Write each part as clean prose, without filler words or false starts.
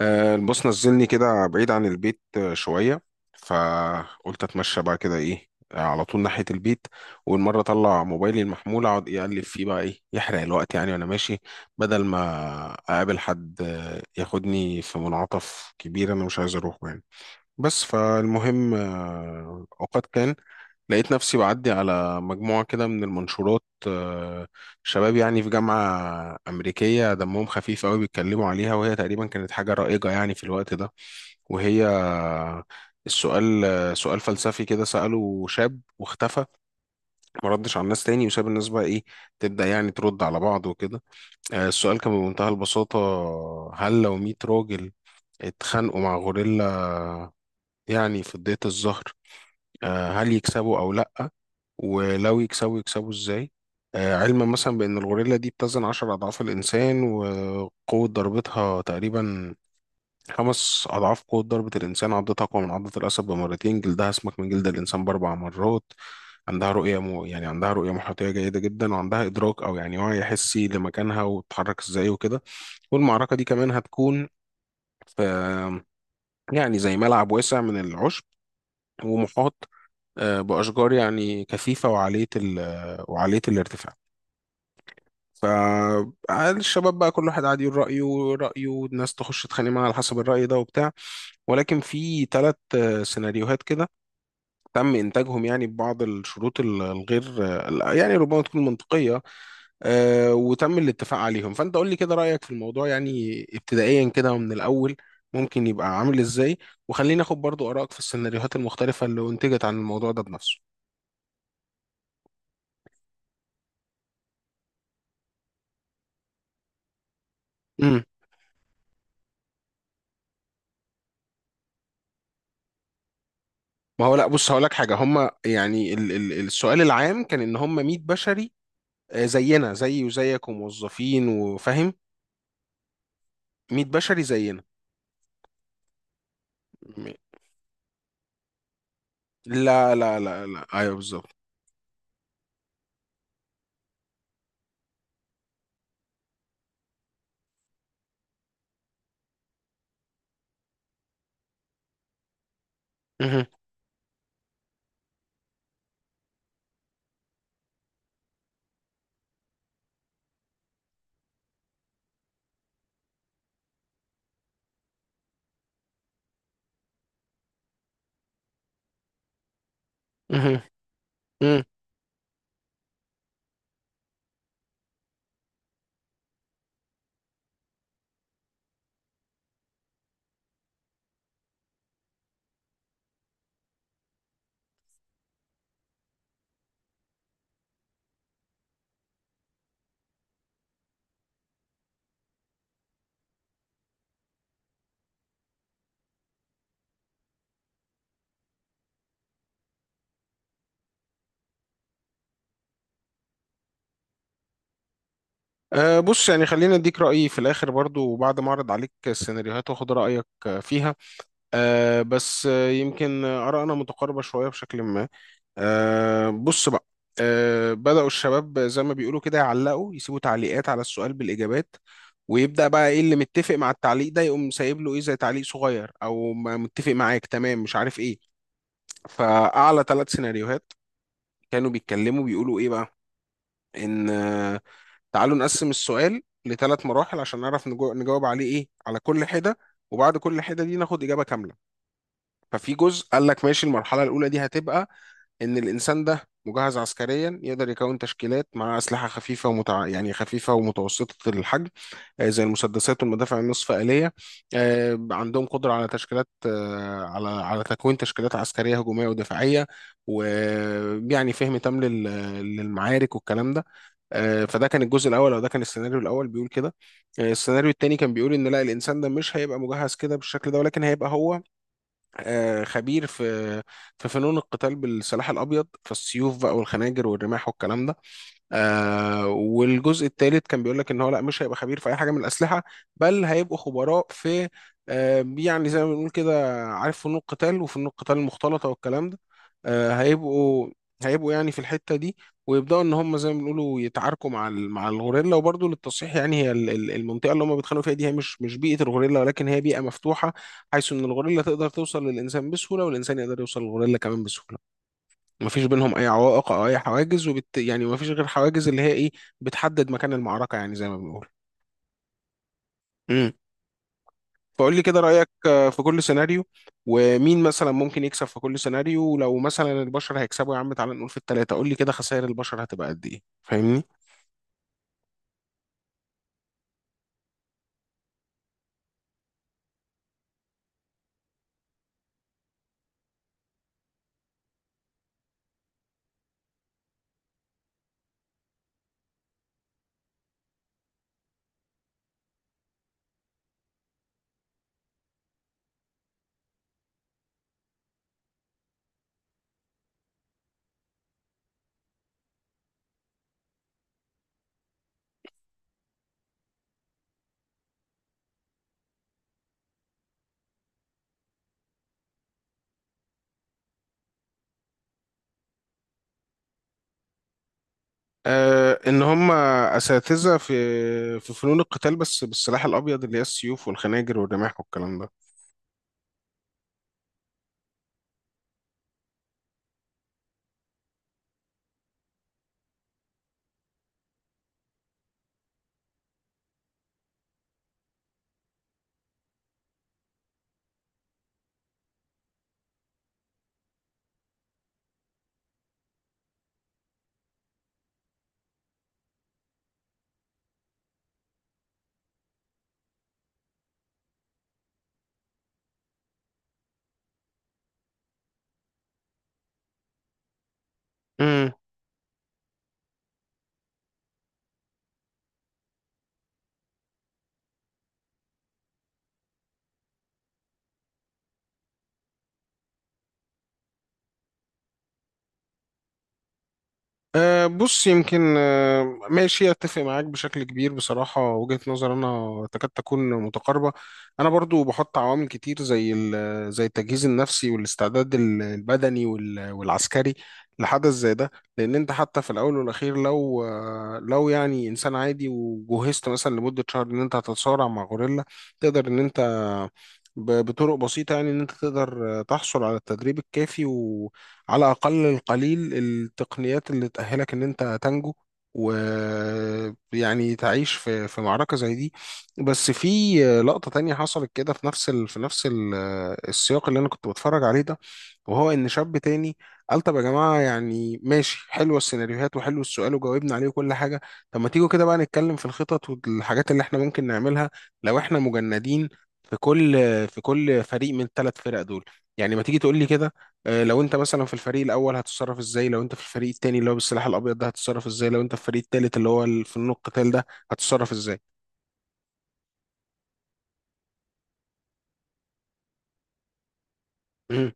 البوس نزلني كده بعيد عن البيت شوية. فقلت اتمشى بقى كده ايه على طول ناحية البيت. والمرة اطلع موبايلي المحمول اقعد يقلب فيه بقى ايه يحرق الوقت يعني وانا ماشي بدل ما اقابل حد، ياخدني في منعطف كبير انا مش عايز اروحه يعني. بس فالمهم، اوقات كان لقيت نفسي بعدي على مجموعة كده من المنشورات شباب يعني في جامعة أمريكية دمهم خفيف قوي بيتكلموا عليها، وهي تقريبا كانت حاجة رائجة يعني في الوقت ده. وهي السؤال، سؤال فلسفي كده سأله شاب واختفى، ما ردش على الناس تاني وساب الناس بقى إيه تبدأ يعني ترد على بعض وكده. السؤال كان بمنتهى البساطة: هل لو 100 راجل اتخانقوا مع غوريلا يعني في ضيت الظهر، هل يكسبوا او لا؟ ولو يكسبوا يكسبوا ازاي؟ علما مثلا بان الغوريلا دي بتزن عشر اضعاف الانسان، وقوة ضربتها تقريبا خمس اضعاف قوة ضربة الانسان، عضتها اقوى من عضة الاسد بمرتين، جلدها اسمك من جلد الانسان باربع مرات، عندها رؤية يعني عندها رؤية محيطية جيدة جدا، وعندها إدراك أو يعني وعي حسي لمكانها وتتحرك إزاي وكده. والمعركة دي كمان هتكون في يعني زي ملعب واسع من العشب، ومحاط بأشجار يعني كثيفة وعالية ال آه، وعالية الارتفاع. فالشباب بقى كل واحد قاعد يقول رأيه، والناس تخش تتخانق معاه على حسب الرأي ده وبتاع. ولكن في ثلاث سيناريوهات كده تم إنتاجهم يعني ببعض الشروط الغير يعني ربما تكون منطقية، وتم الاتفاق عليهم. فأنت قول لي كده رأيك في الموضوع يعني ابتدائيا كده ومن الأول ممكن يبقى عامل إزاي، وخلينا ناخد برضو آرائك في السيناريوهات المختلفة اللي أنتجت عن الموضوع ده بنفسه. ما هو لا بص هقول لك حاجه، هم يعني ال السؤال العام كان ان هم 100 بشري، زينا زيي وزيك وموظفين وفاهم. 100 بشري زينا. م- لا ايوه بالظبط. مهم. مهم. مم. بص يعني خلينا اديك رايي في الاخر برضو، وبعد ما اعرض عليك السيناريوهات واخد رايك فيها. بس يمكن آرائنا متقاربه شويه بشكل ما. أه بص بقى. أه بدأوا الشباب زي ما بيقولوا كده يعلقوا، يسيبوا تعليقات على السؤال بالإجابات، ويبدأ بقى ايه اللي متفق مع التعليق ده يقوم سايب له ايه زي تعليق صغير، او ما متفق معاك تمام مش عارف ايه. فأعلى ثلاث سيناريوهات كانوا بيتكلموا بيقولوا ايه بقى؟ ان تعالوا نقسم السؤال لثلاث مراحل عشان نعرف نجاوب عليه ايه على كل حدة، وبعد كل حدة دي ناخد إجابة كاملة. ففي جزء قال لك ماشي، المرحلة الأولى دي هتبقى ان الانسان ده مجهز عسكريا، يقدر يكون تشكيلات مع اسلحه خفيفه يعني خفيفه ومتوسطه الحجم، زي المسدسات والمدافع النصف آلية. عندهم قدره على تشكيلات، على تكوين تشكيلات عسكريه هجوميه ودفاعيه، ويعني فهم تام للمعارك والكلام ده. فده كان الجزء الاول، او ده كان السيناريو الاول بيقول كده. السيناريو التاني كان بيقول ان لا، الانسان ده مش هيبقى مجهز كده بالشكل ده، ولكن هيبقى هو خبير في فنون القتال بالسلاح الابيض، فالسيوف بقى والخناجر والرماح والكلام ده. آه، والجزء الثالث كان بيقول لك ان هو لا، مش هيبقى خبير في اي حاجه من الاسلحه، بل هيبقوا خبراء في آه يعني زي ما بنقول كده، عارف، فنون القتال وفنون القتال المختلطه والكلام ده. آه هيبقوا، هيبقوا يعني في الحته دي، ويبداوا ان هم زي ما بنقولوا يتعاركوا مع مع الغوريلا. وبرضه للتصحيح، يعني هي المنطقه اللي هم بيتخانقوا فيها دي هي مش بيئه الغوريلا، ولكن هي بيئه مفتوحه، حيث ان الغوريلا تقدر توصل للانسان بسهوله، والانسان يقدر يوصل للغوريلا كمان بسهوله، مفيش بينهم اي عوائق او اي حواجز. يعني مفيش غير حواجز اللي هي ايه بتحدد مكان المعركه، يعني زي ما بنقول. امم. فقول لي كده رايك في كل سيناريو، ومين مثلا ممكن يكسب في كل سيناريو، ولو مثلا البشر هيكسبوا يا عم تعالى نقول في الثلاثه، قول لي كده خسائر البشر هتبقى قد ايه، فاهمني. آه ان هم اساتذه في فنون القتال بس بالسلاح الابيض، اللي هي السيوف والخناجر والرماح والكلام ده. أه بص، يمكن أه ماشي، اتفق معاك بشكل كبير بصراحة، وجهة نظر انا تكاد تكون متقاربة. انا برضو بحط عوامل كتير زي زي التجهيز النفسي والاستعداد البدني والعسكري لحدث زي ده، لان انت حتى في الاول والاخير لو لو يعني انسان عادي وجهزت مثلا لمدة شهر ان انت هتتصارع مع غوريلا، تقدر ان انت بطرق بسيطة يعني ان انت تقدر تحصل على التدريب الكافي على أقل القليل التقنيات اللي تأهلك إن أنت تنجو، ويعني تعيش في معركة زي دي. بس في لقطة تانية حصلت كده في في نفس السياق اللي أنا كنت بتفرج عليه ده، وهو إن شاب تاني قال طب يا جماعة يعني ماشي، حلوة السيناريوهات وحلو السؤال وجاوبنا عليه وكل حاجة. طب ما تيجوا كده بقى نتكلم في الخطط والحاجات اللي احنا ممكن نعملها لو احنا مجندين في كل فريق من الثلاث فرق دول. يعني ما تيجي تقول لي كده لو انت مثلا في الفريق الاول هتتصرف ازاي، لو انت في الفريق التاني اللي هو بالسلاح الابيض ده هتتصرف ازاي، لو انت في الفريق التالت اللي هو فنون القتال ده هتتصرف ازاي. مهم.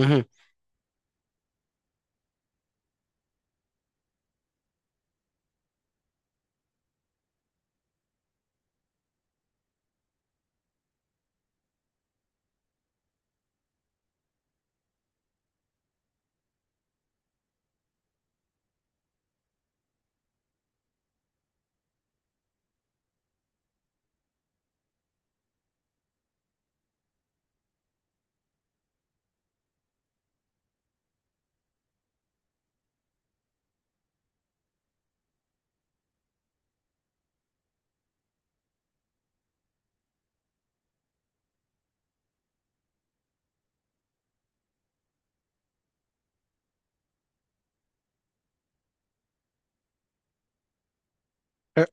مهم. آه.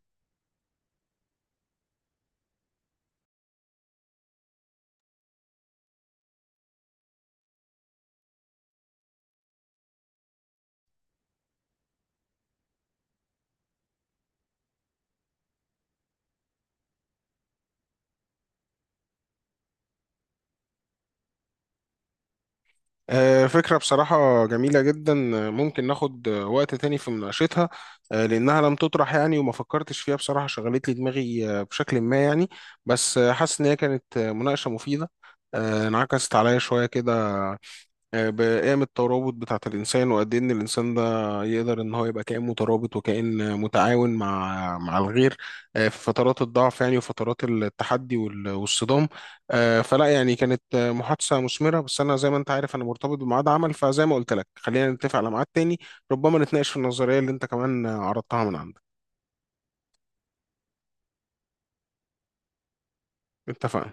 فكرة بصراحة جميلة جدا، ممكن ناخد وقت تاني في مناقشتها، لأنها لم تطرح يعني وما فكرتش فيها بصراحة، شغلت لي دماغي بشكل ما يعني. بس حاسس إن هي كانت مناقشة مفيدة، انعكست عليا شوية كده بقيم الترابط بتاعة الإنسان وقد إيه إن الإنسان ده يقدر إن هو يبقى كائن مترابط وكائن متعاون مع الغير في فترات الضعف يعني، وفترات التحدي والصدام. فلا يعني كانت محادثة مثمرة، بس أنا زي ما أنت عارف أنا مرتبط بميعاد عمل، فزي ما قلت لك خلينا نتفق على ميعاد تاني ربما نتناقش في النظرية اللي أنت كمان عرضتها من عندك. اتفقنا.